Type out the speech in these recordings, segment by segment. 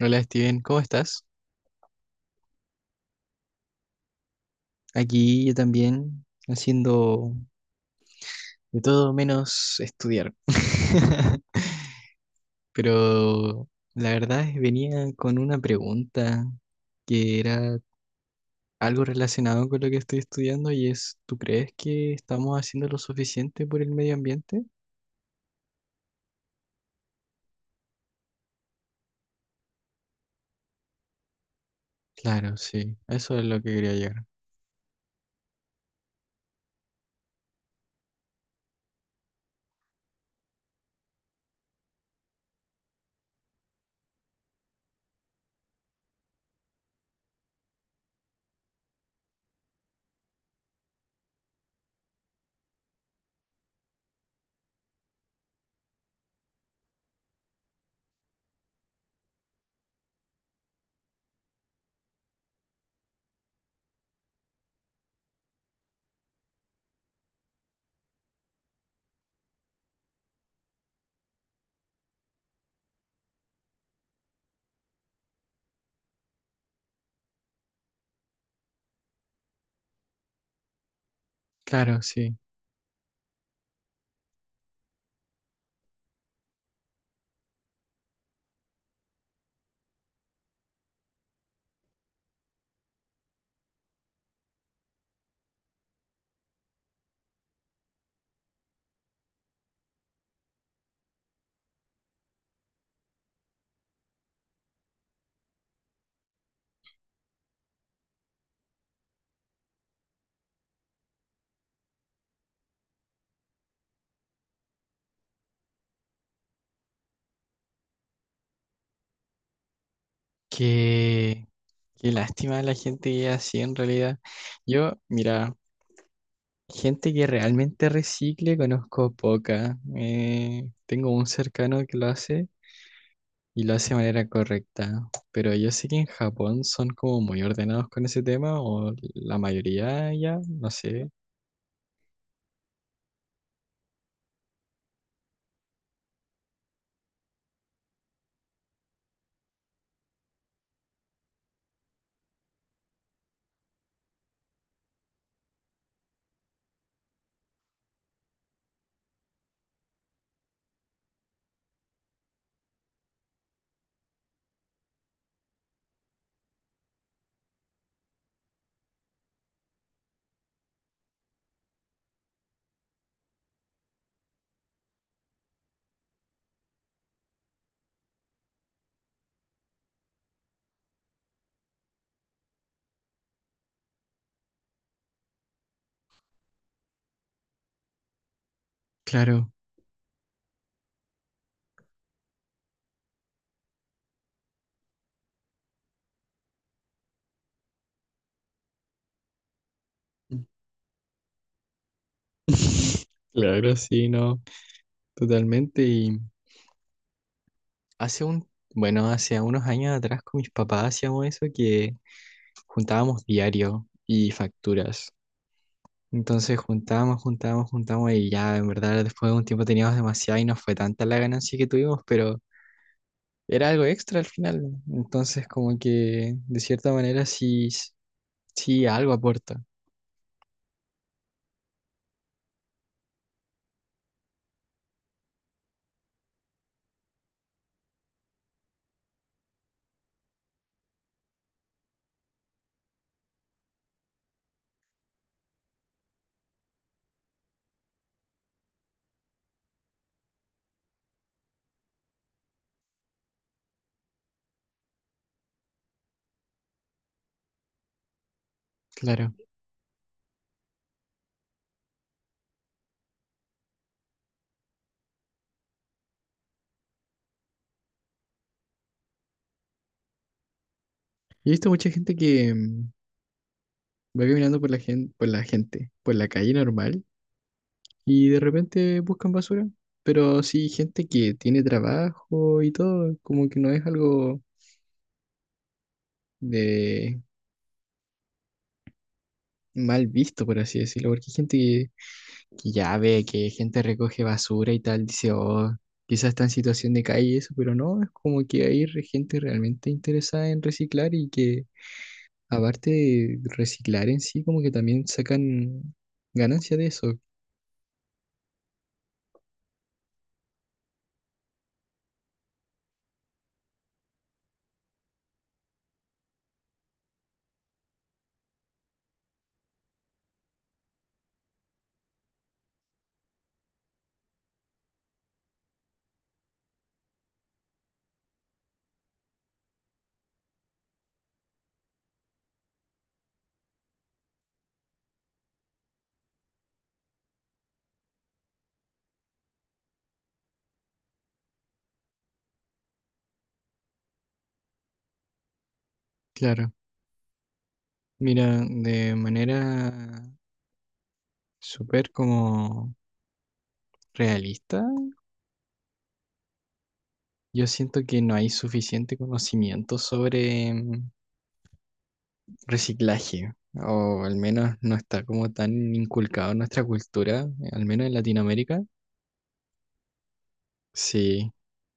Hola Steven, ¿cómo estás? Aquí yo también haciendo de todo menos estudiar. Pero la verdad es que venía con una pregunta que era algo relacionado con lo que estoy estudiando y es, ¿tú crees que estamos haciendo lo suficiente por el medio ambiente? Claro, sí, eso es lo que quería llegar. Claro, sí. Qué, qué lástima la gente que es así en realidad. Yo, mira. Gente que realmente recicle conozco poca. Tengo un cercano que lo hace y lo hace de manera correcta. Pero yo sé que en Japón son como muy ordenados con ese tema o la mayoría ya, no sé. Claro. Claro, sí, no. Totalmente. Y hace bueno, hace unos años atrás con mis papás hacíamos eso que juntábamos diario y facturas. Entonces juntamos y ya en verdad después de un tiempo teníamos demasiado y no fue tanta la ganancia que tuvimos, pero era algo extra al final, ¿no? Entonces como que de cierta manera sí, sí algo aporta, claro. He visto mucha gente que va caminando por la gente, por la calle normal y de repente buscan basura. Pero sí, gente que tiene trabajo y todo, como que no es algo de mal visto, por así decirlo, porque hay gente que ya ve que gente recoge basura y tal, dice, oh, quizás está en situación de calle y eso, pero no, es como que gente realmente interesada en reciclar y que aparte de reciclar en sí, como que también sacan ganancia de eso. Claro, mira, de manera súper como realista, yo siento que no hay suficiente conocimiento sobre reciclaje. O al menos no está como tan inculcado en nuestra cultura, al menos en Latinoamérica. Sí,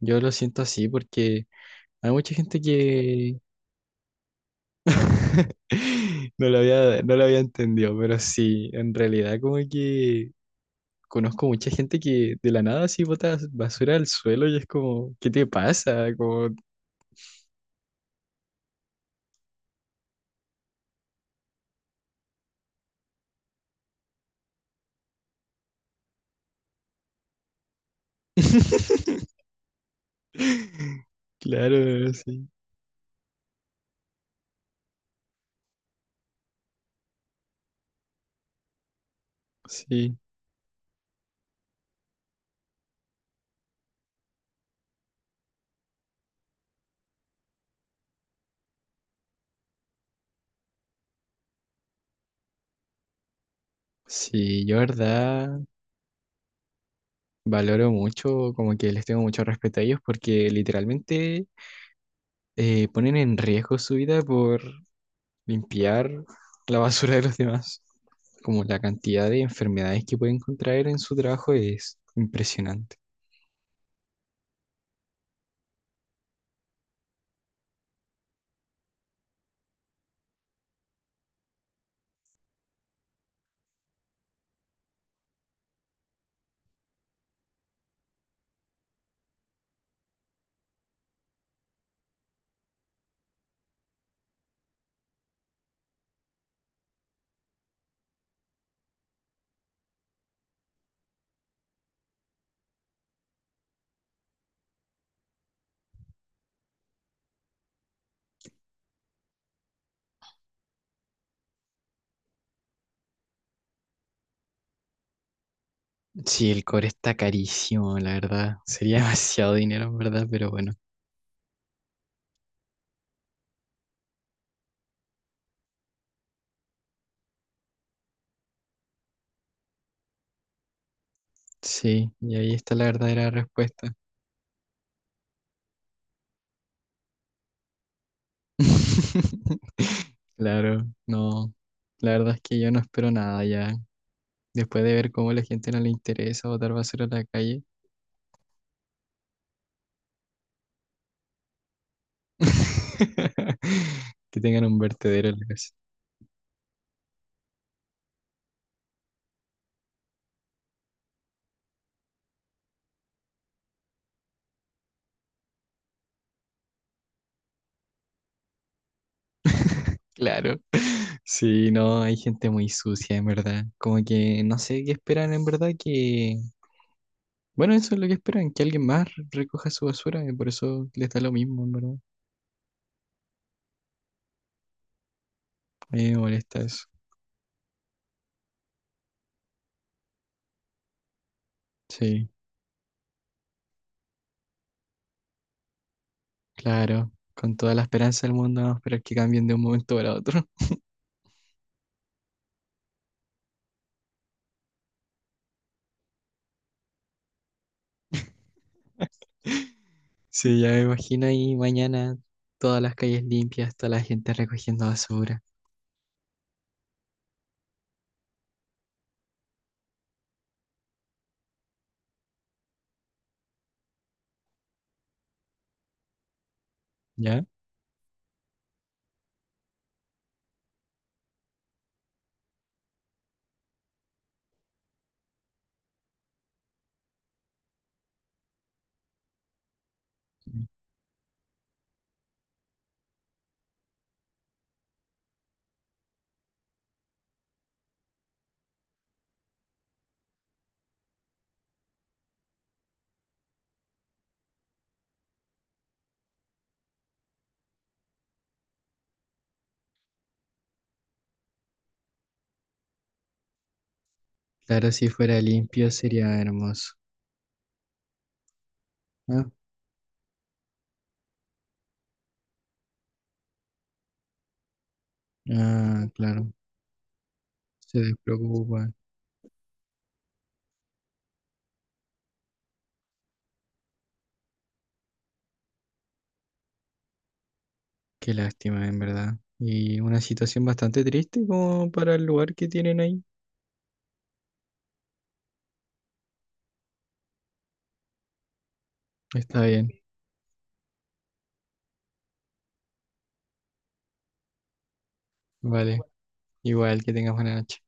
yo lo siento así porque hay mucha gente que no lo había entendido, pero sí, en realidad como que conozco mucha gente que de la nada así bota basura al suelo y es como, ¿qué te pasa? Como… Claro, sí, sí, sí, yo verdad valoro mucho, como que les tengo mucho respeto a ellos porque literalmente ponen en riesgo su vida por limpiar la basura de los demás. Como la cantidad de enfermedades que pueden contraer en su trabajo es impresionante. Sí, el cobre está carísimo, la verdad. Sería demasiado dinero, en verdad, pero bueno. Sí, y ahí está la verdadera respuesta. Claro, no. La verdad es que yo no espero nada ya. Después de ver cómo a la gente no le interesa botar basura a la calle, que tengan un vertedero en la casa. Claro. Sí, no, hay gente muy sucia, en verdad. Como que no sé qué esperan, en verdad, que… Bueno, eso es lo que esperan, que alguien más recoja su basura, y por eso les da lo mismo, en verdad. A mí me molesta eso. Sí, claro. Con toda la esperanza del mundo, vamos a esperar que cambien de un momento para otro. Sí, ya me imagino ahí mañana todas las calles limpias, toda la gente recogiendo basura. ¿Ya? Claro, si fuera limpio sería hermoso. Ah, claro. Se despreocupa. Qué lástima, en verdad. Y una situación bastante triste como para el lugar que tienen ahí. Está bien, vale. Igual que tengas buena noche.